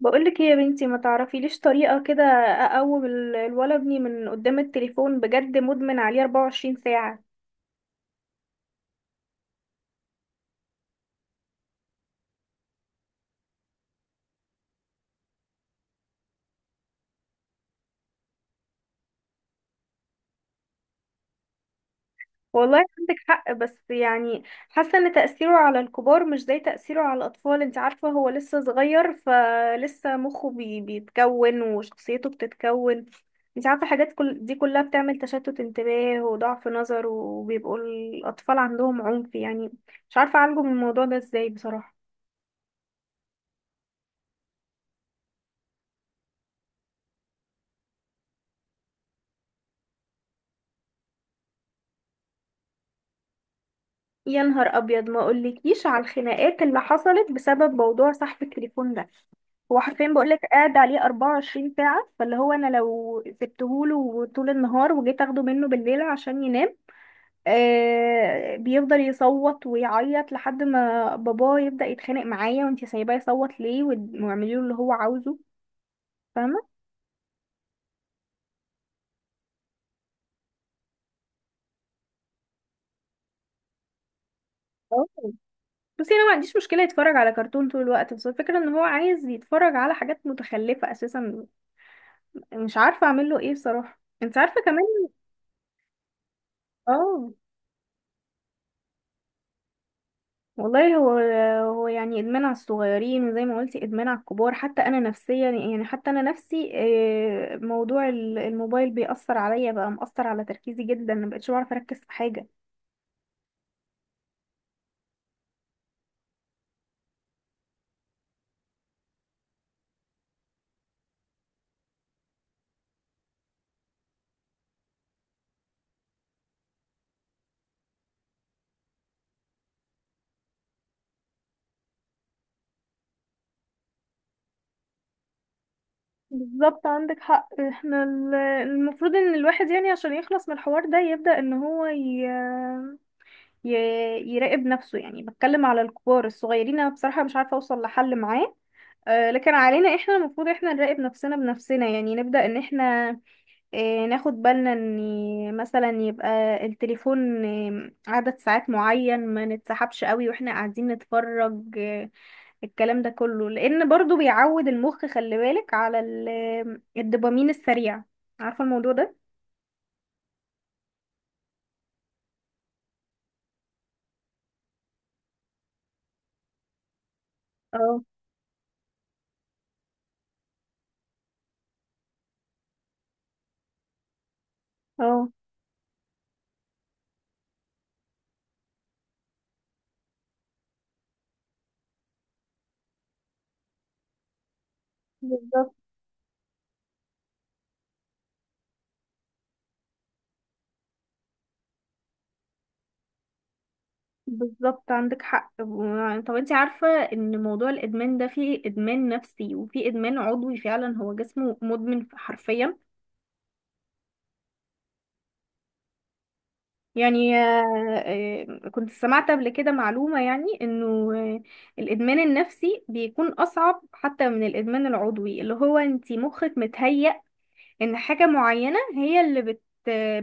بقولك ايه يا بنتي؟ ما تعرفي ليش طريقة كده. اقوم الولد ابني من قدام التليفون بجد مدمن عليه 24 ساعة. والله عندك حق، بس يعني حاسة ان تأثيره على الكبار مش زي تأثيره على الاطفال. انت عارفة هو لسه صغير، فلسه مخه بيتكون وشخصيته بتتكون. انت عارفة حاجات كل دي كلها بتعمل تشتت انتباه وضعف نظر وبيبقوا الاطفال عندهم عنف. يعني مش عارفة اعالجه من الموضوع ده ازاي بصراحة. يا نهار ابيض، ما اقولكيش على الخناقات اللي حصلت بسبب موضوع صاحب التليفون ده. هو حرفيا بقولك قاعد عليه 24 ساعة. فاللي هو انا لو سبتهوله طول النهار وجيت اخده منه بالليل عشان ينام، بيفضل يصوت ويعيط لحد ما باباه يبدأ يتخانق معايا، وانتي سايباه يصوت ليه واعملي له اللي هو عاوزه. فاهمة. اه. بصي، انا ما عنديش مشكلة يتفرج على كرتون طول الوقت، بس الفكرة ان هو عايز يتفرج على حاجات متخلفة اساسا. مش عارفة اعمل له ايه بصراحة. انت عارفة كمان. اه. والله هو يعني ادمان على الصغيرين، وزي ما قلتي ادمان على الكبار. حتى انا نفسيا، يعني حتى انا نفسي، موضوع الموبايل بيأثر عليا. بقى مأثر على تركيزي جدا، ما بقتش بعرف اركز في حاجة. بالظبط، عندك حق. احنا المفروض ان الواحد يعني عشان يخلص من الحوار ده يبدأ ان هو ي... يراقب نفسه. يعني بتكلم على الكبار الصغيرين. انا بصراحة مش عارفة اوصل لحل معاه. لكن علينا احنا المفروض احنا نراقب نفسنا بنفسنا. يعني نبدأ ان احنا ناخد بالنا ان مثلا يبقى التليفون عدد ساعات معين ما نتسحبش قوي واحنا قاعدين نتفرج. الكلام ده كله، لان برضو بيعود المخ. خلي بالك على الدوبامين السريع. عارفة الموضوع ده؟ اه. اه، بالظبط. بالظبط، عندك حق. طب انت عارفة ان موضوع الادمان ده فيه ادمان نفسي وفيه ادمان عضوي؟ فعلا هو جسمه مدمن حرفيا. يعني كنت سمعت قبل كده معلومة، يعني انه آه، الادمان النفسي بيكون اصعب حتى من الادمان العضوي. اللي هو انت مخك متهيأ ان حاجة معينة هي اللي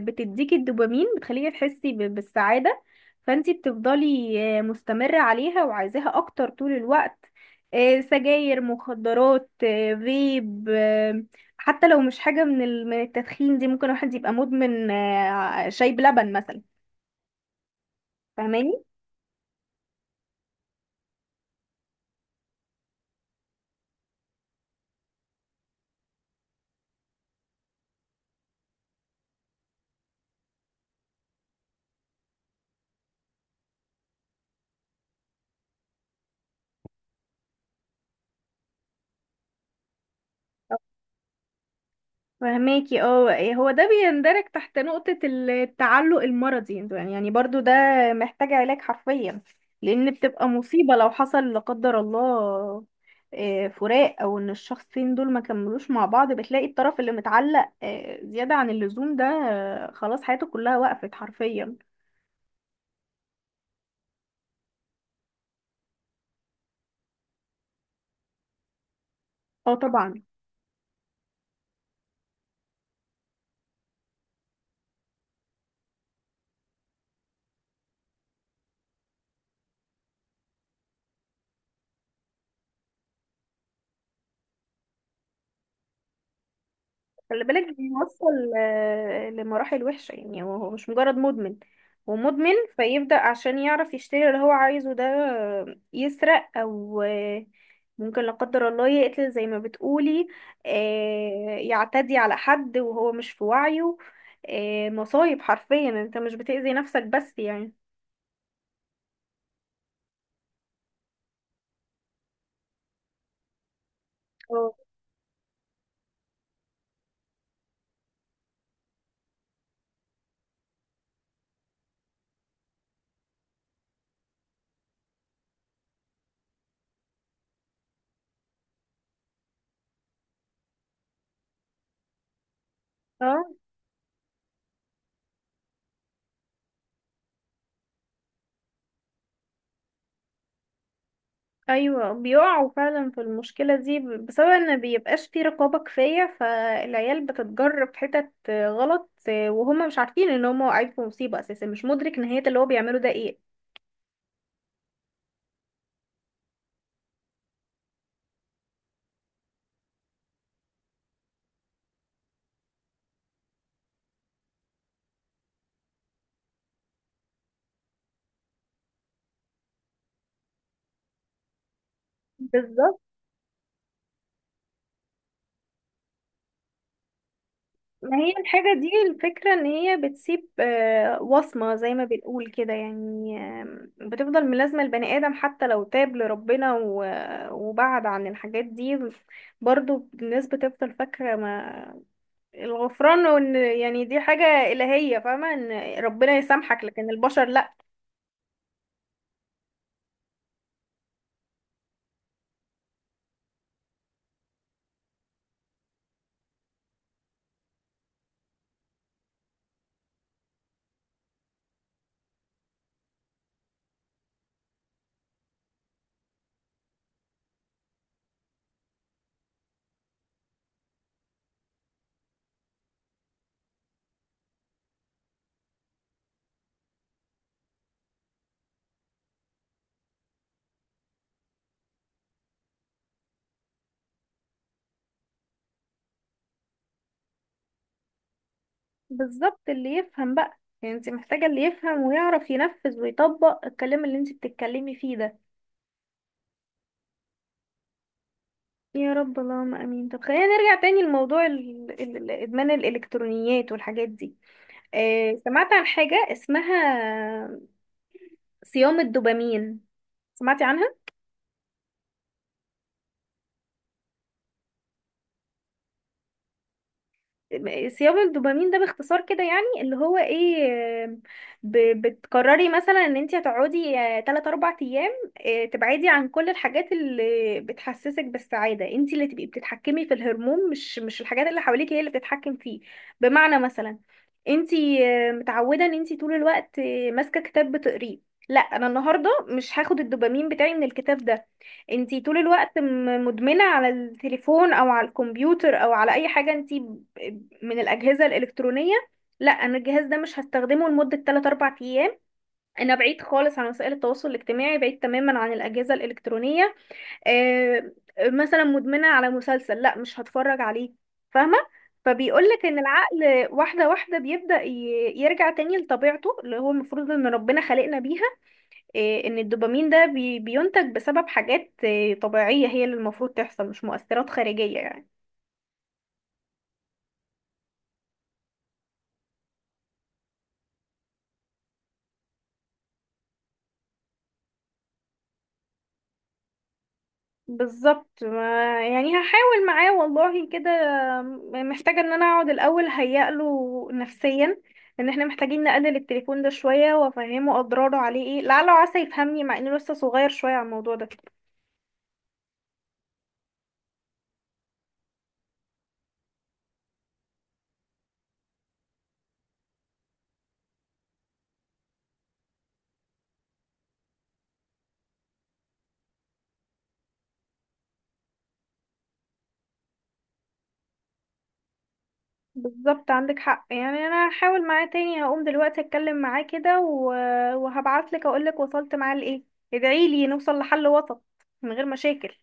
بتديكي الدوبامين، بتخليكي تحسي بالسعادة، فانتي بتفضلي مستمرة عليها وعايزاها اكتر طول الوقت. سجاير، مخدرات، فيب، حتى لو مش حاجة من من التدخين دي، ممكن واحد يبقى مدمن شاي بلبن مثلا. فاهماني؟ فهماكي. اه، إيه، هو ده بيندرج تحت نقطة التعلق المرضي. يعني يعني برضو ده محتاج علاج حرفيا، لأن بتبقى مصيبة. لو حصل لا قدر الله فراق أو إن الشخصين دول ما كملوش مع بعض، بتلاقي الطرف اللي متعلق زيادة عن اللزوم ده خلاص حياته كلها وقفت حرفيا. اه طبعا. خلي بالك، بيوصل لمراحل وحشة. يعني هو مش مجرد مدمن، هو مدمن فيبدأ عشان يعرف يشتري اللي هو عايزه ده يسرق أو ممكن لا قدر الله يقتل زي ما بتقولي، يعتدي على حد وهو مش في وعيه. مصايب حرفيا، انت مش بتأذي نفسك بس يعني. اه. ايوه، بيقعوا فعلا في المشكله دي بسبب ان بيبقاش في رقابه كفايه، فالعيال بتتجر في حتت غلط، وهم مش عارفين ان هم واقعين في مصيبه اساسا. مش مدرك نهايه اللي هو بيعمله ده ايه. بالظبط. ما هي الحاجه دي الفكره ان هي بتسيب وصمه، زي ما بنقول كده. يعني آم، بتفضل ملازمه البني ادم حتى لو تاب لربنا وبعد عن الحاجات دي. برضو الناس بتفضل فاكره. ما الغفران وان يعني دي حاجة إلهية. فاهمة ان ربنا يسامحك لكن البشر لا. بالظبط. اللي يفهم بقى، يعني انت محتاجة اللي يفهم ويعرف ينفذ ويطبق الكلام اللي انت بتتكلمي فيه ده. يا رب، اللهم امين. طب خلينا نرجع تاني لموضوع ادمان الالكترونيات والحاجات دي. آه، سمعت عن حاجة اسمها صيام الدوبامين؟ سمعتي عنها؟ صيام الدوبامين ده باختصار كده يعني اللي هو ايه. آه، بتقرري مثلا ان انت هتقعدي تلات اربع ايام تبعدي عن كل الحاجات اللي بتحسسك بالسعادة. انت اللي تبقي بتتحكمي في الهرمون، مش الحاجات اللي حواليك هي اللي بتتحكم فيه. بمعنى مثلا انت متعودة ان انت طول الوقت ماسكة كتاب بتقريه. لا، انا النهارده مش هاخد الدوبامين بتاعي من الكتاب ده. انتي طول الوقت مدمنة على التليفون او على الكمبيوتر او على اي حاجة انتي من الأجهزة الإلكترونية. لا، أنا الجهاز ده مش هستخدمه لمدة 3 4 أيام. أنا بعيد خالص عن وسائل التواصل الاجتماعي، بعيد تماما عن الأجهزة الإلكترونية. آه، مثلا مدمنة على مسلسل، لا مش هتفرج عليه. فاهمة؟ فبيقولك ان العقل واحدة واحدة بيبدأ يرجع تاني لطبيعته اللي هو المفروض ان ربنا خلقنا بيها. إيه، ان الدوبامين ده بينتج بسبب حاجات إيه، طبيعية، هي اللي المفروض تحصل، مش مؤثرات خارجية يعني. بالظبط. ما يعني هحاول معاه والله كده. محتاجة ان انا اقعد الاول هيأ له نفسيا ان احنا محتاجين نقلل التليفون ده شوية، وافهمه اضراره عليه ايه. لعله وعسى يفهمني، مع انه لسه صغير شوية على الموضوع ده. بالظبط، عندك حق. يعني انا هحاول معاه تاني. هقوم دلوقتي اتكلم معاه كده وهبعتلك اقولك وصلت معاه لايه. ادعيلي نوصل لحل وسط من غير مشاكل.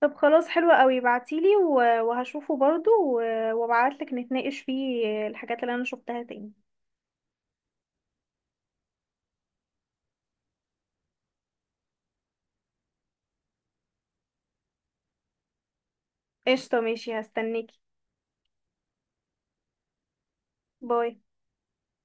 طب خلاص، حلوة قوي. بعتيلي وهشوفه برضو، وابعتلك نتناقش فيه الحاجات اللي انا شفتها تاني. قشطة، ماشي، هستناكي. باي.